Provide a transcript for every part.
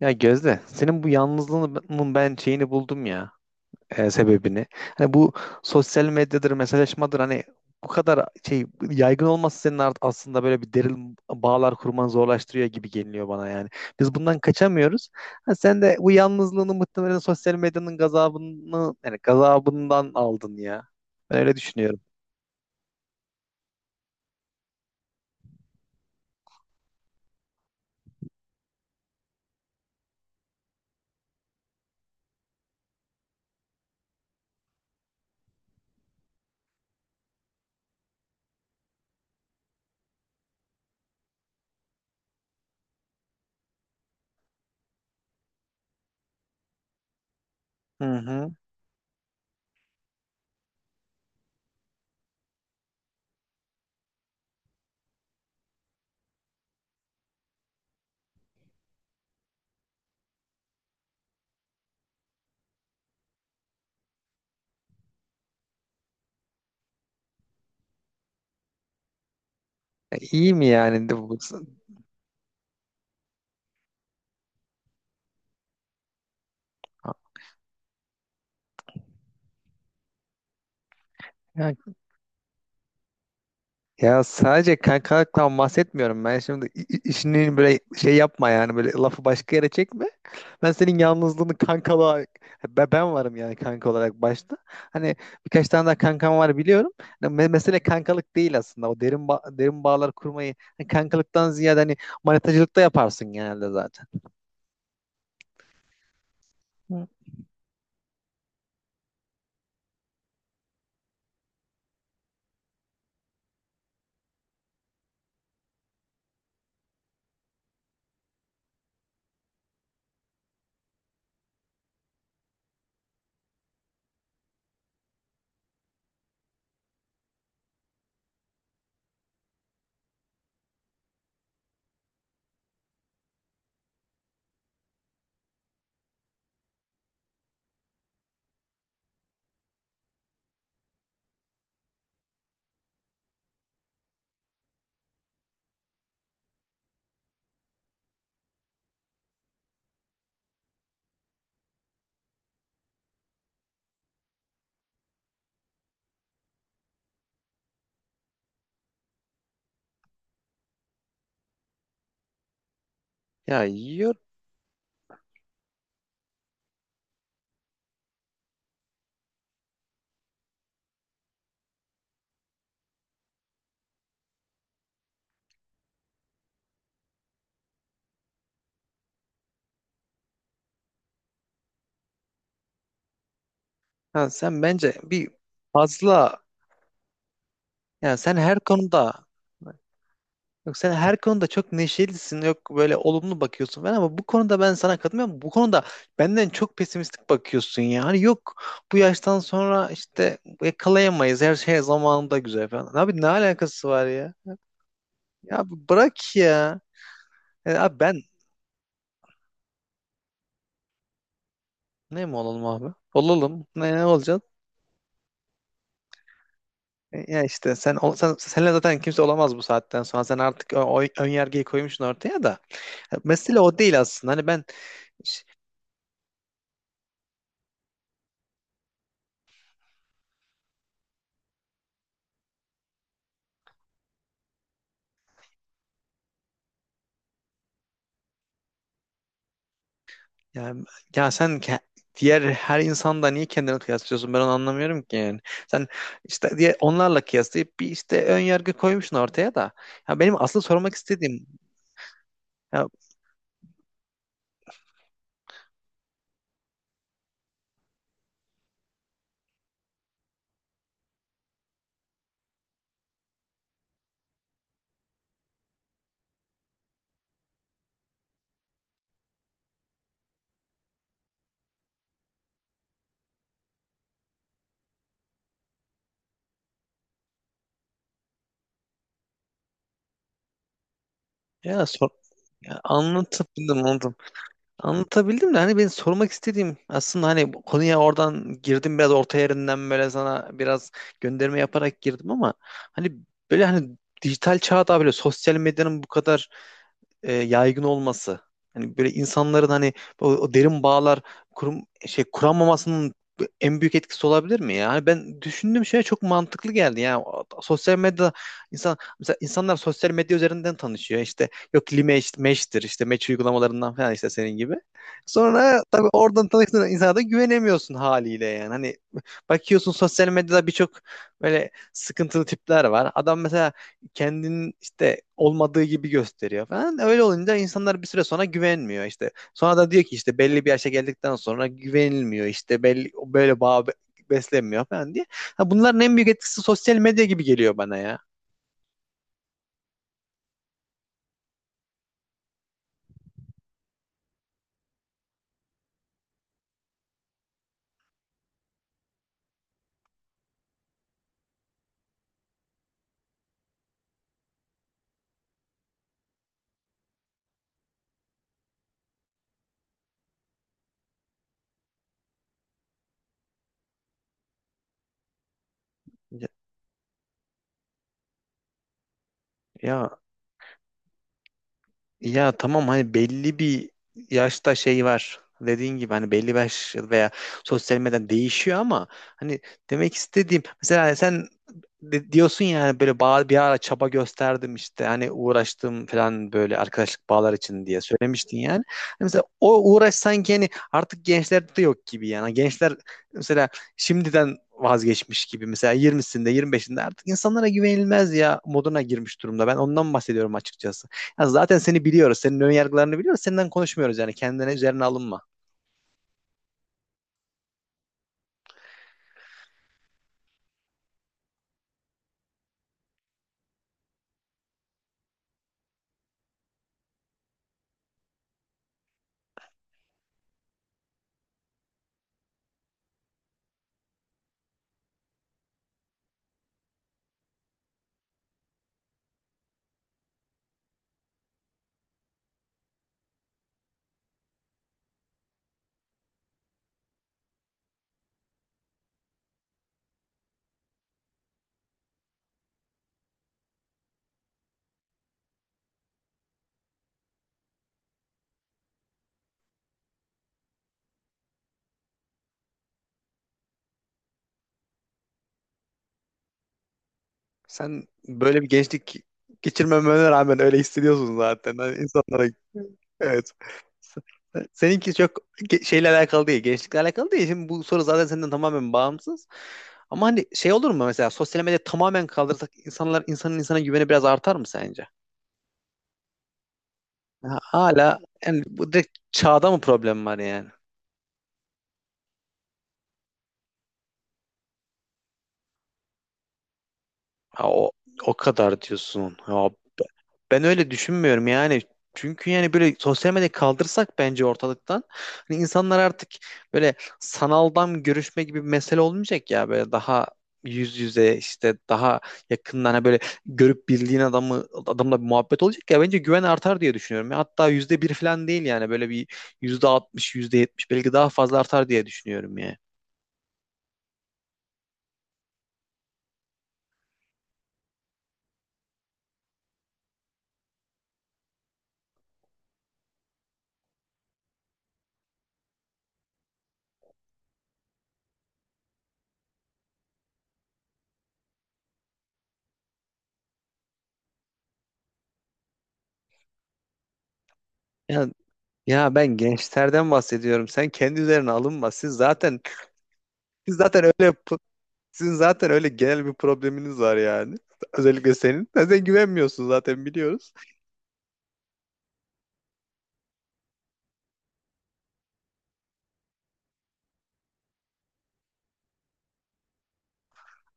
Ya Gözde, senin bu yalnızlığının ben şeyini buldum ya, sebebini. Hani bu sosyal medyadır, mesajlaşmadır hani bu kadar şey yaygın olması senin aslında böyle bir derin bağlar kurmanı zorlaştırıyor gibi geliyor bana yani. Biz bundan kaçamıyoruz. Ha, sen de bu yalnızlığını muhtemelen sosyal medyanın gazabını yani gazabından aldın ya. Ben öyle düşünüyorum. Hı hı. Ya, iyi mi yani? Ya Ya sadece kankalıktan bahsetmiyorum ben şimdi işini böyle şey yapma yani böyle lafı başka yere çekme. Ben senin yalnızlığını kankalığa ben varım yani kanka olarak başta. Hani birkaç tane daha kankam var biliyorum. Hani mesele kankalık değil aslında o derin bağlar kurmayı hani kankalıktan ziyade hani manetacılıkta yaparsın genelde zaten. Hı. Ya yiyorum. Ha, sen bence bir fazla, yani sen her konuda, yok sen her konuda çok neşelisin, yok böyle olumlu bakıyorsun falan, ama bu konuda ben sana katılmıyorum. Bu konuda benden çok pesimistik bakıyorsun ya. Hani yok bu yaştan sonra işte yakalayamayız, her şey zamanında güzel falan. Abi, ne alakası var ya? Ya bırak ya. Abi ben ne mi olalım abi? Olalım. Ne olacak? Ya işte sen, ol, sen senle zaten kimse olamaz bu saatten sonra. Sen artık o ön yargıyı koymuşsun ortaya da. Mesele o değil aslında. Hani ben, ya, ya sen diğer her insanda niye kendini kıyaslıyorsun? Ben onu anlamıyorum ki yani. Sen işte diye onlarla kıyaslayıp bir işte ön yargı koymuşsun ortaya da. Ya benim asıl sormak istediğim, ya, Ya, sor, ya anlatabildim, anladım. Anlatabildim de hani benim sormak istediğim aslında, hani bu konuya oradan girdim biraz orta yerinden böyle sana biraz gönderme yaparak girdim, ama hani böyle, hani dijital çağda böyle sosyal medyanın bu kadar yaygın olması. Hani böyle insanların hani o derin bağlar kurum, şey kuramamasının en büyük etkisi olabilir mi ya? Hani ben düşündüğüm şey çok mantıklı geldi. Yani sosyal medyada insan, mesela insanlar sosyal medya üzerinden tanışıyor. İşte yok Limeş, Meş'tir işte Meç uygulamalarından falan, işte senin gibi. Sonra tabii oradan tanıştığın insana da güvenemiyorsun haliyle yani. Hani bakıyorsun sosyal medyada birçok böyle sıkıntılı tipler var. Adam mesela kendinin işte olmadığı gibi gösteriyor falan. Öyle olunca insanlar bir süre sonra güvenmiyor işte. Sonra da diyor ki işte belli bir yaşa geldikten sonra güvenilmiyor işte, belli böyle beslenmiyor falan diye. Ha, bunların en büyük etkisi sosyal medya gibi geliyor bana ya. Ya ya Ya tamam, hani belli bir yaşta şey var. Dediğin gibi hani belli bir yaş veya sosyal medyadan değişiyor ama hani demek istediğim mesela sen diyorsun yani böyle bağ, bir ara çaba gösterdim işte hani uğraştım falan böyle arkadaşlık bağlar için diye söylemiştin yani. Hani mesela o uğraş sanki hani artık gençlerde yok gibi yani. Hani gençler mesela şimdiden vazgeçmiş gibi, mesela 20'sinde 25'inde artık insanlara güvenilmez ya moduna girmiş durumda. Ben ondan bahsediyorum açıkçası. Ha, zaten seni biliyoruz. Senin ön yargılarını biliyoruz. Senden konuşmuyoruz yani. Kendine üzerine alınma. Sen böyle bir gençlik geçirmemene rağmen öyle hissediyorsun zaten. Hani insanlara, evet. Seninki çok şeyle alakalı değil. Gençlikle alakalı değil. Şimdi bu soru zaten senden tamamen bağımsız. Ama hani şey olur mu, mesela sosyal medya tamamen kaldırsak insanlar, insanın insana güveni biraz artar mı sence? Ha, hala, yani bu direkt çağda mı problem var yani? Ha, o kadar diyorsun. Ya, b- ben öyle düşünmüyorum yani. Çünkü yani böyle sosyal medyayı kaldırsak bence ortalıktan, hani insanlar artık böyle sanaldan görüşme gibi bir mesele olmayacak ya, böyle daha yüz yüze, işte daha yakından, hani böyle görüp, bildiğin adamı adamla bir muhabbet olacak ya, bence güven artar diye düşünüyorum. Ya hatta yüzde bir falan değil, yani böyle bir %60, yüzde yetmiş belki daha fazla artar diye düşünüyorum yani. Ya, ya ben gençlerden bahsediyorum. Sen kendi üzerine alınma. Siz zaten öyle sizin zaten öyle genel bir probleminiz var yani. Özellikle senin. Sen güvenmiyorsun zaten, biliyoruz.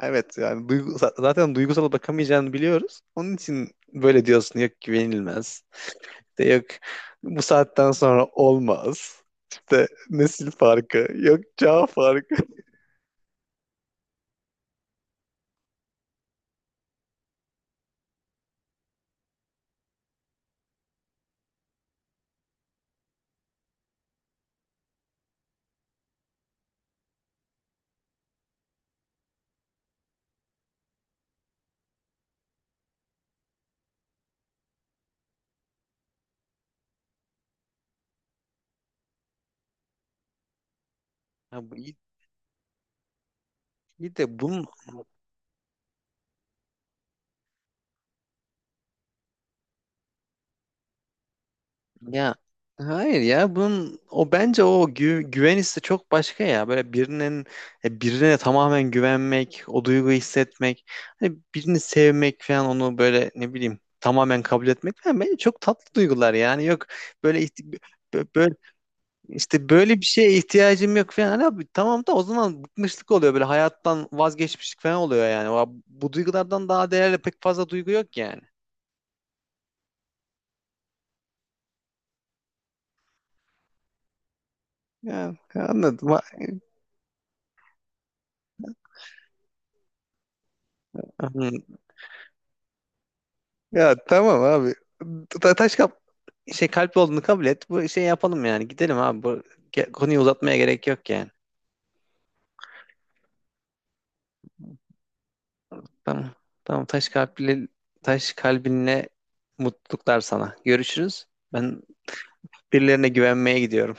Evet yani zaten duygusal bakamayacağını biliyoruz. Onun için böyle diyorsun, yok güvenilmez. İşte yok bu saatten sonra olmaz. İşte nesil farkı, yok çağ farkı. Ya bu iyi, iyi de bunun, ya hayır ya bunun o bence o güven hissi çok başka ya. Böyle birinin birine tamamen güvenmek, o duyguyu hissetmek, hani birini sevmek falan, onu böyle, ne bileyim, tamamen kabul etmek falan bence çok tatlı duygular yani. Yok böyle böyle işte böyle bir şeye ihtiyacım yok falan. Hani abi, tamam da o zaman bıkmışlık oluyor, böyle hayattan vazgeçmişlik falan oluyor yani. Bu duygulardan daha değerli pek fazla duygu yok yani. Ya anladım. Ya tamam abi. Taş kap şey kalp olduğunu kabul et. Bu şey yapalım yani. Gidelim abi. Bu konuyu uzatmaya gerek yok yani. Tamam. Tamam, taş kalpli, taş kalbinle mutluluklar sana. Görüşürüz. Ben birilerine güvenmeye gidiyorum.